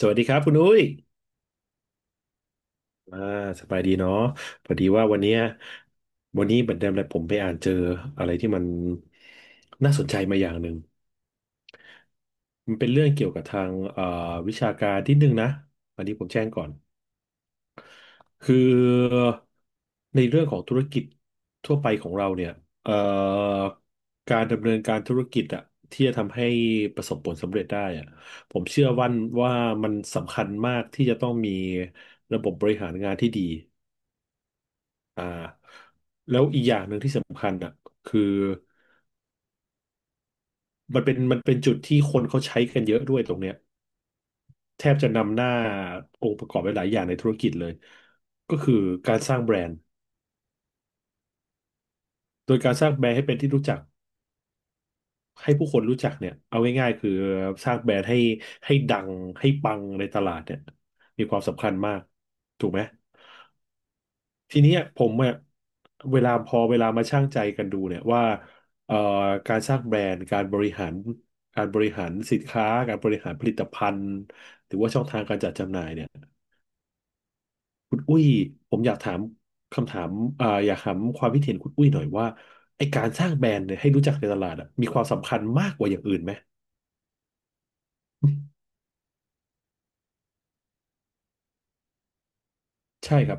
สวัสดีครับคุณอุ้ยอ่าสบายดีเนาะพอดีว่าวันเนี้ยวันนี้เหมือนเดิมเลยผมไปอ่านเจออะไรที่มันน่าสนใจมาอย่างหนึ่ง มันเป็นเรื่องเกี่ยวกับทางวิชาการนิดนึงนะอันนี้ผมแจ้งก่อน คือในเรื่องของธุรกิจทั่วไปของเราเนี่ยเอ่อการดำเนินการธุรกิจอะที่จะทำให้ประสบผลสำเร็จได้อะผมเชื่อวันว่ามันสำคัญมากที่จะต้องมีระบบบริหารงานที่ดี อ่าแล้วอีกอย่างหนึ่งที่สำคัญอ่ะคือมันเป็นจุดที่คนเขาใช้กันเยอะด้วยตรงเนี้ยแทบจะนำหน้าองค์ประกอบไปหลายอย่างในธุรกิจเลยก็คือการสร้างแบรนด์โดยการสร้างแบรนด์ให้เป็นที่รู้จักให้ผู้คนรู้จักเนี่ยเอาง่ายๆคือสร้างแบรนด์ให้ดังให้ปังในตลาดเนี่ยมีความสำคัญมากถูกไหม ทีเนี้ยผมอะเวลาพอเวลามาชั่งใจกันดูเนี่ยว่าเอ่อการสร้างแบรนด์การบริหารสินค้าการบริหารผลิตภัณฑ์หรือว่าช่องทางการจัดจำหน่ายเนี่ยคุณอุ้ยผมอยากถามคำถามอยากถามความคิดเห็นคุณอุ้ยหน่อยว่าไอการสร้างแบรนด์เนี่ยให้รู้จักในตลาดอะมีความสำคัญมากกว่าอย่างอื่นไหมใช่ครับ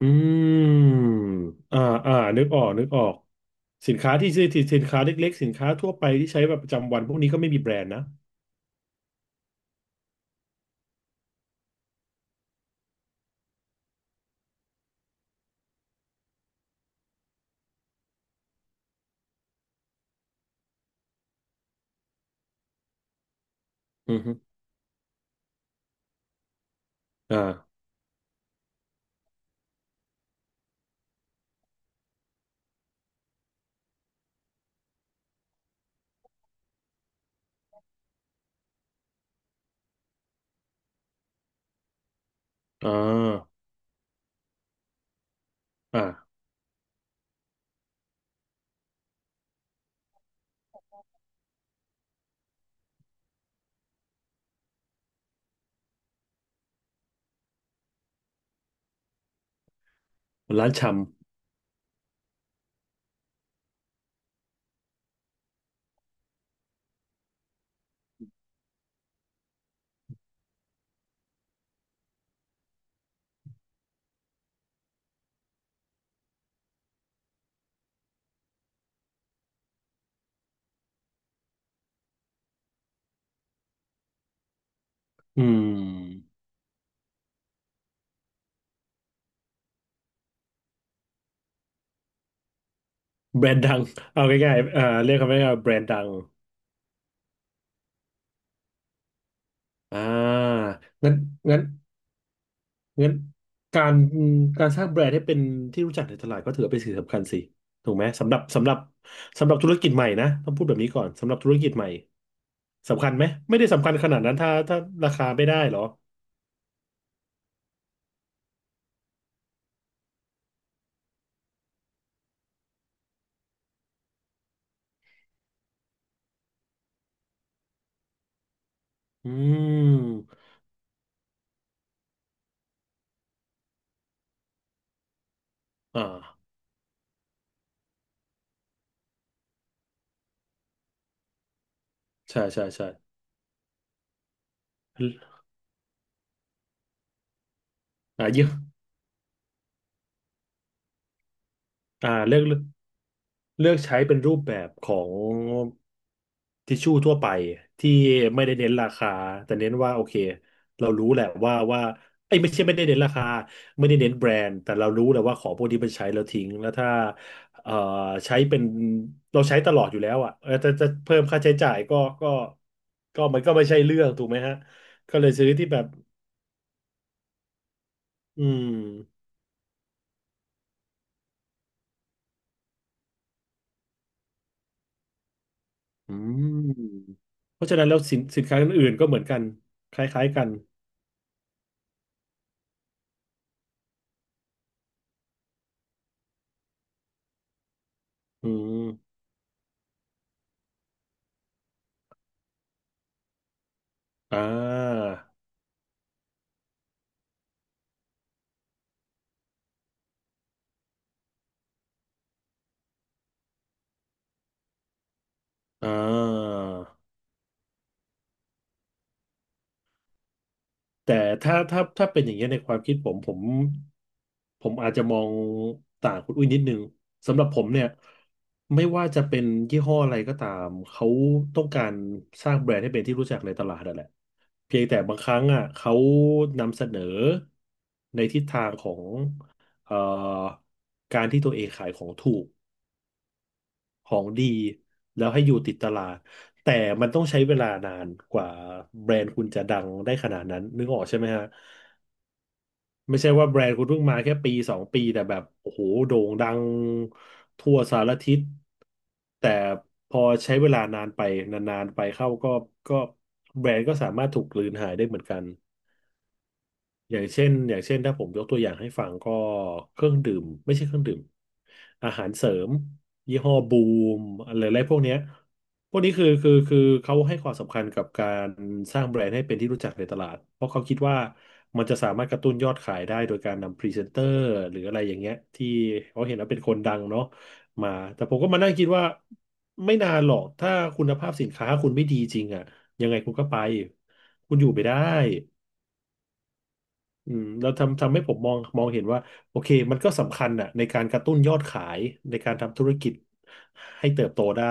อืมอ่าอ่านึกออกนึกออกสินค้าที่ซื้อที่สินค้าเล็กๆสินค้าทั่วไปที่ใช้แบบประจำวันพวกนี้ก็ไม่มีแบรนด์นะอือฮึอ่าอ่าอ่าร้านชำอืมแบรนด์ดังเอาง่ายๆอ่าเรียกคำว่าแบรนด์ดังอ่างั้นงั้น งั้นการการสร้างแบรนด์ให้เป็นที่รู้จักในตลาดก็ถือว่าเป็นสิ่งสำคัญสิถูกไหมสำหรับสำหรับธุรกิจใหม่นะต้องพูดแบบนี้ก่อนสำหรับธุรกิจใหม่สำคัญไหมไม่ได้สำคัญขนาดนั้นถ้าราคาไม่ได้เหรออืมอ่าใช่ใช่ใช่อ่าเยอะอ่าเลือกใช้เป็นรูปแบบของทิชชู่ทั่วไปที่ไม่ได้เน้นราคาแต่เน้นว่าโอเคเรารู้แหละว่าไอ้ยไม่ใช่ไม่ได้เน้นราคาไม่ได้เน้นแบรนด์แต่เรารู้แหละว่าของพวกนี้มันใช้แล้วทิ้งแล้วถ้าเอ่อใช้เป็นเราใช้ตลอดอยู่แล้วอ่ะเออจะจะเพิ่มค่าใช้จ่ายก็ก็ก็มันก็ไม่ใช่เรื่องถูกไหมฮะก็เลยซื้อที่แบบอืมอืมเพราะฉะนั้นแล้วสินสินค้าอื่นๆก็เหมือนกันคล้ายๆกันอืม อ่าอ่าแต่ถ้าเป็นอย่างเงี้ยในความคิดผมอาจจะมองต่างคุณอุ้ยนิดนึงสำหรับผมเนี่ยไม่ว่าจะเป็นยี่ห้ออะไรก็ตามเขาต้องการสร้างแบรนด์ให้เป็นที่รู้จักในตลาดนั่นแหละเพียงแต่บางครั้งอ่ะเขานำเสนอในทิศทางของเอ่อการที่ตัวเองขายของถูก ของดีแล้วให้อยู่ติดตลาดแต่มันต้องใช้เวลานานกว่าแบรนด์คุณจะดังได้ขนาดนั้นนึกออกใช่ไหมฮะไม่ใช่ว่าแบรนด์คุณเพิ่งมาแค่ปีสองปีแต่แบบโอ้โหโด่งดังทั่วสารทิศแต่พอใช้เวลานานไปนานๆไปเข้าก็ก็แบรนด์ก็สามารถถูกกลืนหายได้เหมือนกัน อย่างเช่นถ้าผมยกตัวอย่างให้ฟังก็เครื่องดื่มไม่ใช่เครื่องดื่มอาหารเสริมยี่ห้อบูมอะไรอะไรพวกเนี้ยพวกนี้คือเขาให้ความสำคัญกับการสร้างแบรนด์ให้เป็นที่รู้จักในตลาดเพราะเขาคิดว่ามันจะสามารถกระตุ้นยอดขายได้โดยการนำพรีเซนเตอร์หรืออะไรอย่างเงี้ยที่เขาเห็นว่าเป็นคนดังเนาะมาแต่ผมก็มานั่งคิดว่าไม่นานหรอกถ้าคุณภาพสินค้าคุณไม่ดีจริงอะยังไงคุณก็ไปคุณอยู่ไม่ได้ อืมแล้วทำให้ผมมองเห็นว่าโอเคมันก็สำคัญอ่ะในการกระตุ้นยอดขายในการทำธุรกิจให้เติบโตได้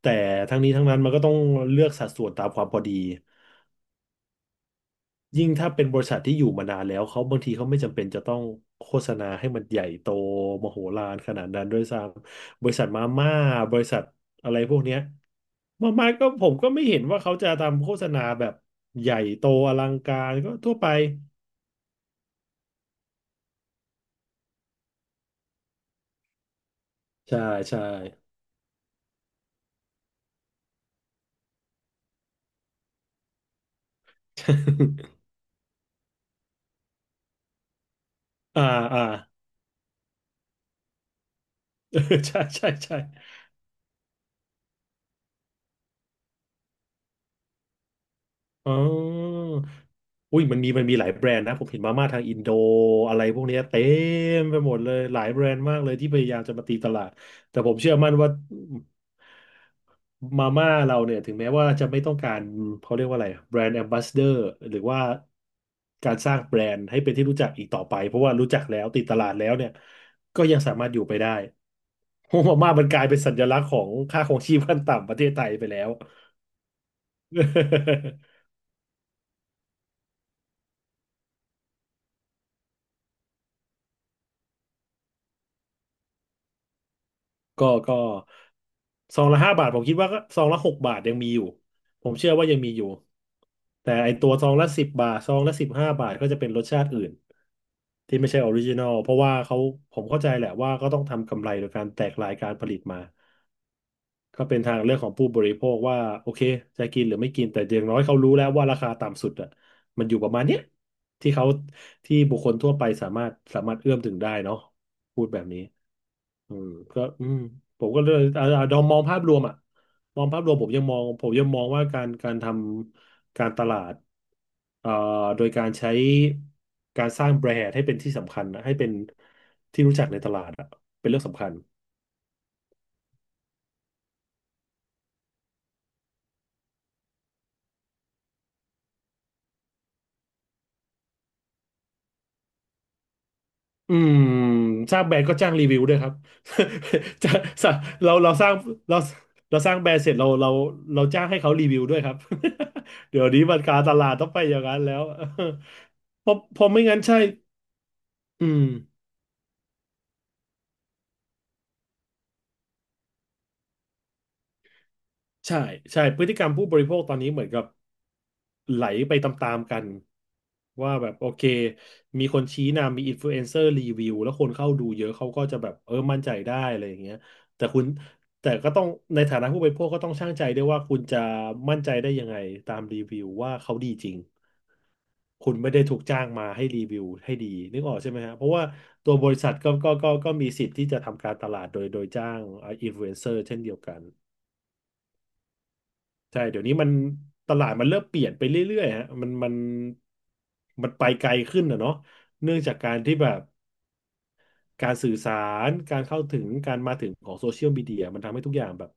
แต่ทั้งนี้ทั้งนั้นมันก็ต้องเลือกสัดส่วนตามความพอดียิ่งถ้าเป็นบริษัทที่อยู่มานานแล้วเขาบางทีเขาไม่จำเป็นจะต้องโฆษณาให้มันใหญ่โตมโหฬารขนาดนั้นด้วยซ้ำบริษัทมาม่าบริษัทอะไรพวกเนี้ยมาม่าก็ผมก็ไม่เห็นว่าเขาจะทำโฆษณาแบบใหญ่โตอลังการก็ทั่วไปใช่ใช่ อ่าอ่า เออใช่ใช่ใช่อ๋ออุ้ยมันมีหลายแบรนด์นะผมเห็นมาม่าทางอินโดอะไรพวกเนี้ยเต็มไปหมดเลยหลายแบรนด์มากเลยที่พยายามจะมาตีตลาดแต่ผมเชื่อมั่นว่ามาม่าเราเนี่ยถึงแม้ว่าจะไม่ต้องการเขาเรียกว่าอะไรแบรนด์แอมบ สเดอร์หรือว่าการสร้างแบรนด์ให้เป็นที่รู้จักอีกต่อไปเพราะว่ารู้จักแล้วติดตลาดแล้วเนี่ยก็ยังสามารถอยู่ไปได้โฮมาม่ามันกลายเป็นสัญลักษณ์ของค่าครองชีพขั้นต่ำประเทศไทยไปแล้ว ก็ซองละ5 บาทผมคิดว่าก็ซองละ6 บาทยังมีอยู่ผมเชื่อว่ายังมีอยู่แต่ไอตัวซองละ10 บาทซองละ15 บาทก็จะเป็นรสชาติอื่นที่ไม่ใช่ออริจินอลเพราะว่าเขาผมเข้าใจแหละว่าก็ต้องทำกำไรโดยการแตกรายการผลิตมา ก็เป็นทางเลือกของผู้บริโภคว่าโอเคจะกินหรือไม่กินแต่อย่างน้อยเขารู้แล้วว่าราคาต่ำสุดอ่ะมันอยู่ประมาณเนี้ยที่เขาที่บุคคลทั่วไปสามารถเอื้อมถึงได้เนาะพูดแบบนี้อืมก็อืมผมก็เลยดอมมองภาพรวมอ่ะมองภาพรวมผมยังมองผมยังมองว่าการทำการตลาดเอ่อโดยการใช้การสร้างแบรนด์ให้เป็นที่สำคัญนะให้เป็นที่รู้จักในตลาดอ่ะเป็นเรื่องสำคัญ อืมสร้างแบรนด์ก็จ้างรีวิวด้วยครับ จะจะเราเราสร้างเราเราสร้างแบรนด์เสร็จเราจ้างให้เขารีวิวด้วยครับ เดี๋ยวนี้มันการตลาดต้องไปอย่างนั้นแล้ว เพราะไม่งั้นใช่อืม ใช่ใช่พฤติกรรมผู้บริโภคตอนนี้เหมือนกับไหลไปตามๆกันว่าแบบโอเคมีคนชี้นำมีอินฟลูเอนเซอร์รีวิวแล้วคนเข้าดูเยอะเขาก็จะแบบเออมั่นใจได้อะไรอย่างเงี้ยแต่คุณแต่ก็ต้องในฐานะผู้บริโภคก็ต้องชั่งใจด้วยว่าคุณจะมั่นใจได้ยังไงตามรีวิวว่าเขาดีจริงคุณไม่ได้ถูกจ้างมาให้รีวิวให้ดีนึกออกใช่ไหมฮะเพราะว่าตัวบริษัทก็มีสิทธิ์ที่จะทำการตลาดโดยจ้างอินฟลูเอนเซอร์เช่นเดียวกัน ใช่ เดี๋ยวนี้มันตลาดมันเริ่มเปลี่ยนไปเรื่อยๆฮะมันไปไกลขึ้นนะเนาะเนื่องจากการที่แบบการสื่อสารการเข้าถึงการมาถึงของโซเชียลมีเดียมันทำให้ทุกอย่างแบบ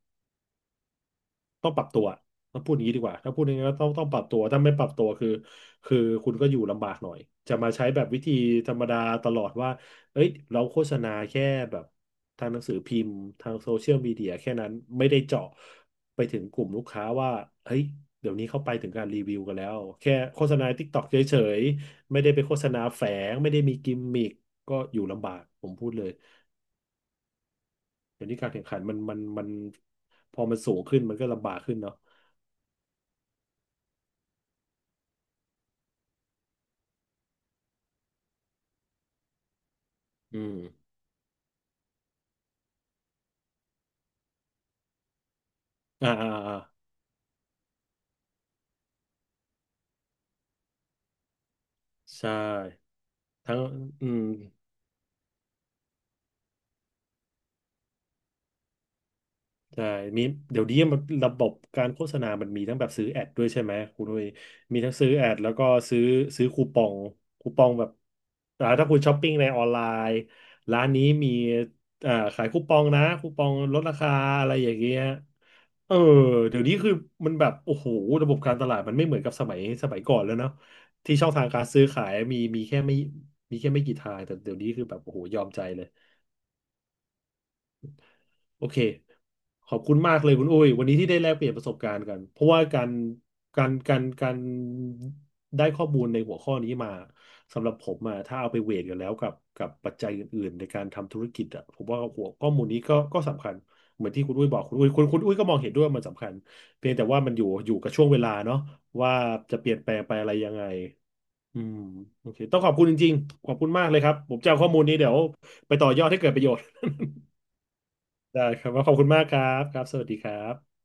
ต้องปรับตัวต้องพูดอย่างนี้ดีกว่าถ้าพูดอย่างนี้ก็ต้องปรับตัวถ้าไม่ปรับตัวคือคือคุณก็อยู่ลำบากหน่อยจะมาใช้แบบวิธีธรรมดาตลอดว่าเอ้ยเราโฆษณาแค่แบบทางหนังสือพิมพ์ทางโซเชียลมีเดียแค่นั้นไม่ได้เจาะไปถึงกลุ่มลูกค้าว่าเฮ้ยเดี๋ยวนี้เข้าไปถึงการรีวิวกันแล้วแค่โฆษณา TikTok เฉยๆไม่ได้ไปโฆษณาแฝงไม่ได้มีกิมมิคก็อยู่ลำบากผมพูดเลยเดี๋ยวนี้การแข่งขันมันพอมันสูงขึ้นมันก็ลำบากขึ้นเนาะอืม อ่าอ่าอ่าใช่ทั้งอืมใช่มีเดี๋ยวนี้มันระบบการโฆษณามันมีทั้งแบบซื้อแอดด้วยใช่ไหมคุณนุ้ยมีทั้งซื้อแอดแล้วก็ซื้อซื้อคูปองคูปองแบบอ่าถ้าคุณช้อปปิ้งในออนไลน์ร้านนี้มีอ่าขายคูปองนะคูปองลดราคาอะไรอย่างเงี้ยเออเดี๋ยวนี้คือมันแบบโอ้โหระบบการตลาดมันไม่เหมือนกับสมัยก่อนแล้วเนาะที่ช่องทางการซื้อขายมีแค่ไม่กี่ทางแต่เดี๋ยวนี้คือแบบโอ้โหยอมใจเลย โอเคขอบคุณมากเลยคุณอุ้ยวันนี้ที่ได้แลกเปลี่ยนประสบการณ์กันเพราะว่าการได้ข้อมูลในหัวข้อนี้มาสำหรับผมอะถ้าเอาไปเวทกันแล้วกับกับปัจจัยอื่นๆในการทำธุรกิจอะผมว่าหัวข้อมูลนี้ก็สำคัญเหมือนที่คุณอุ้ยบอกคุณอุ้ยก็มองเห็นด้วยว่ามันสำคัญเพียงแต่ว่ามันอยู่กับช่วงเวลาเนาะว่าจะเปลี่ยนแปลงไปอะไรยังไงอืมโอเคต้องขอบคุณจริงๆขอบคุณมากเลยครับผมจะเอาข้อมูลนี้เดี๋ยวไปต่อยอดให้เกิดประโยชน์ ได้ครับว่าขอบคุณมากครับครับ สวัสดีครับ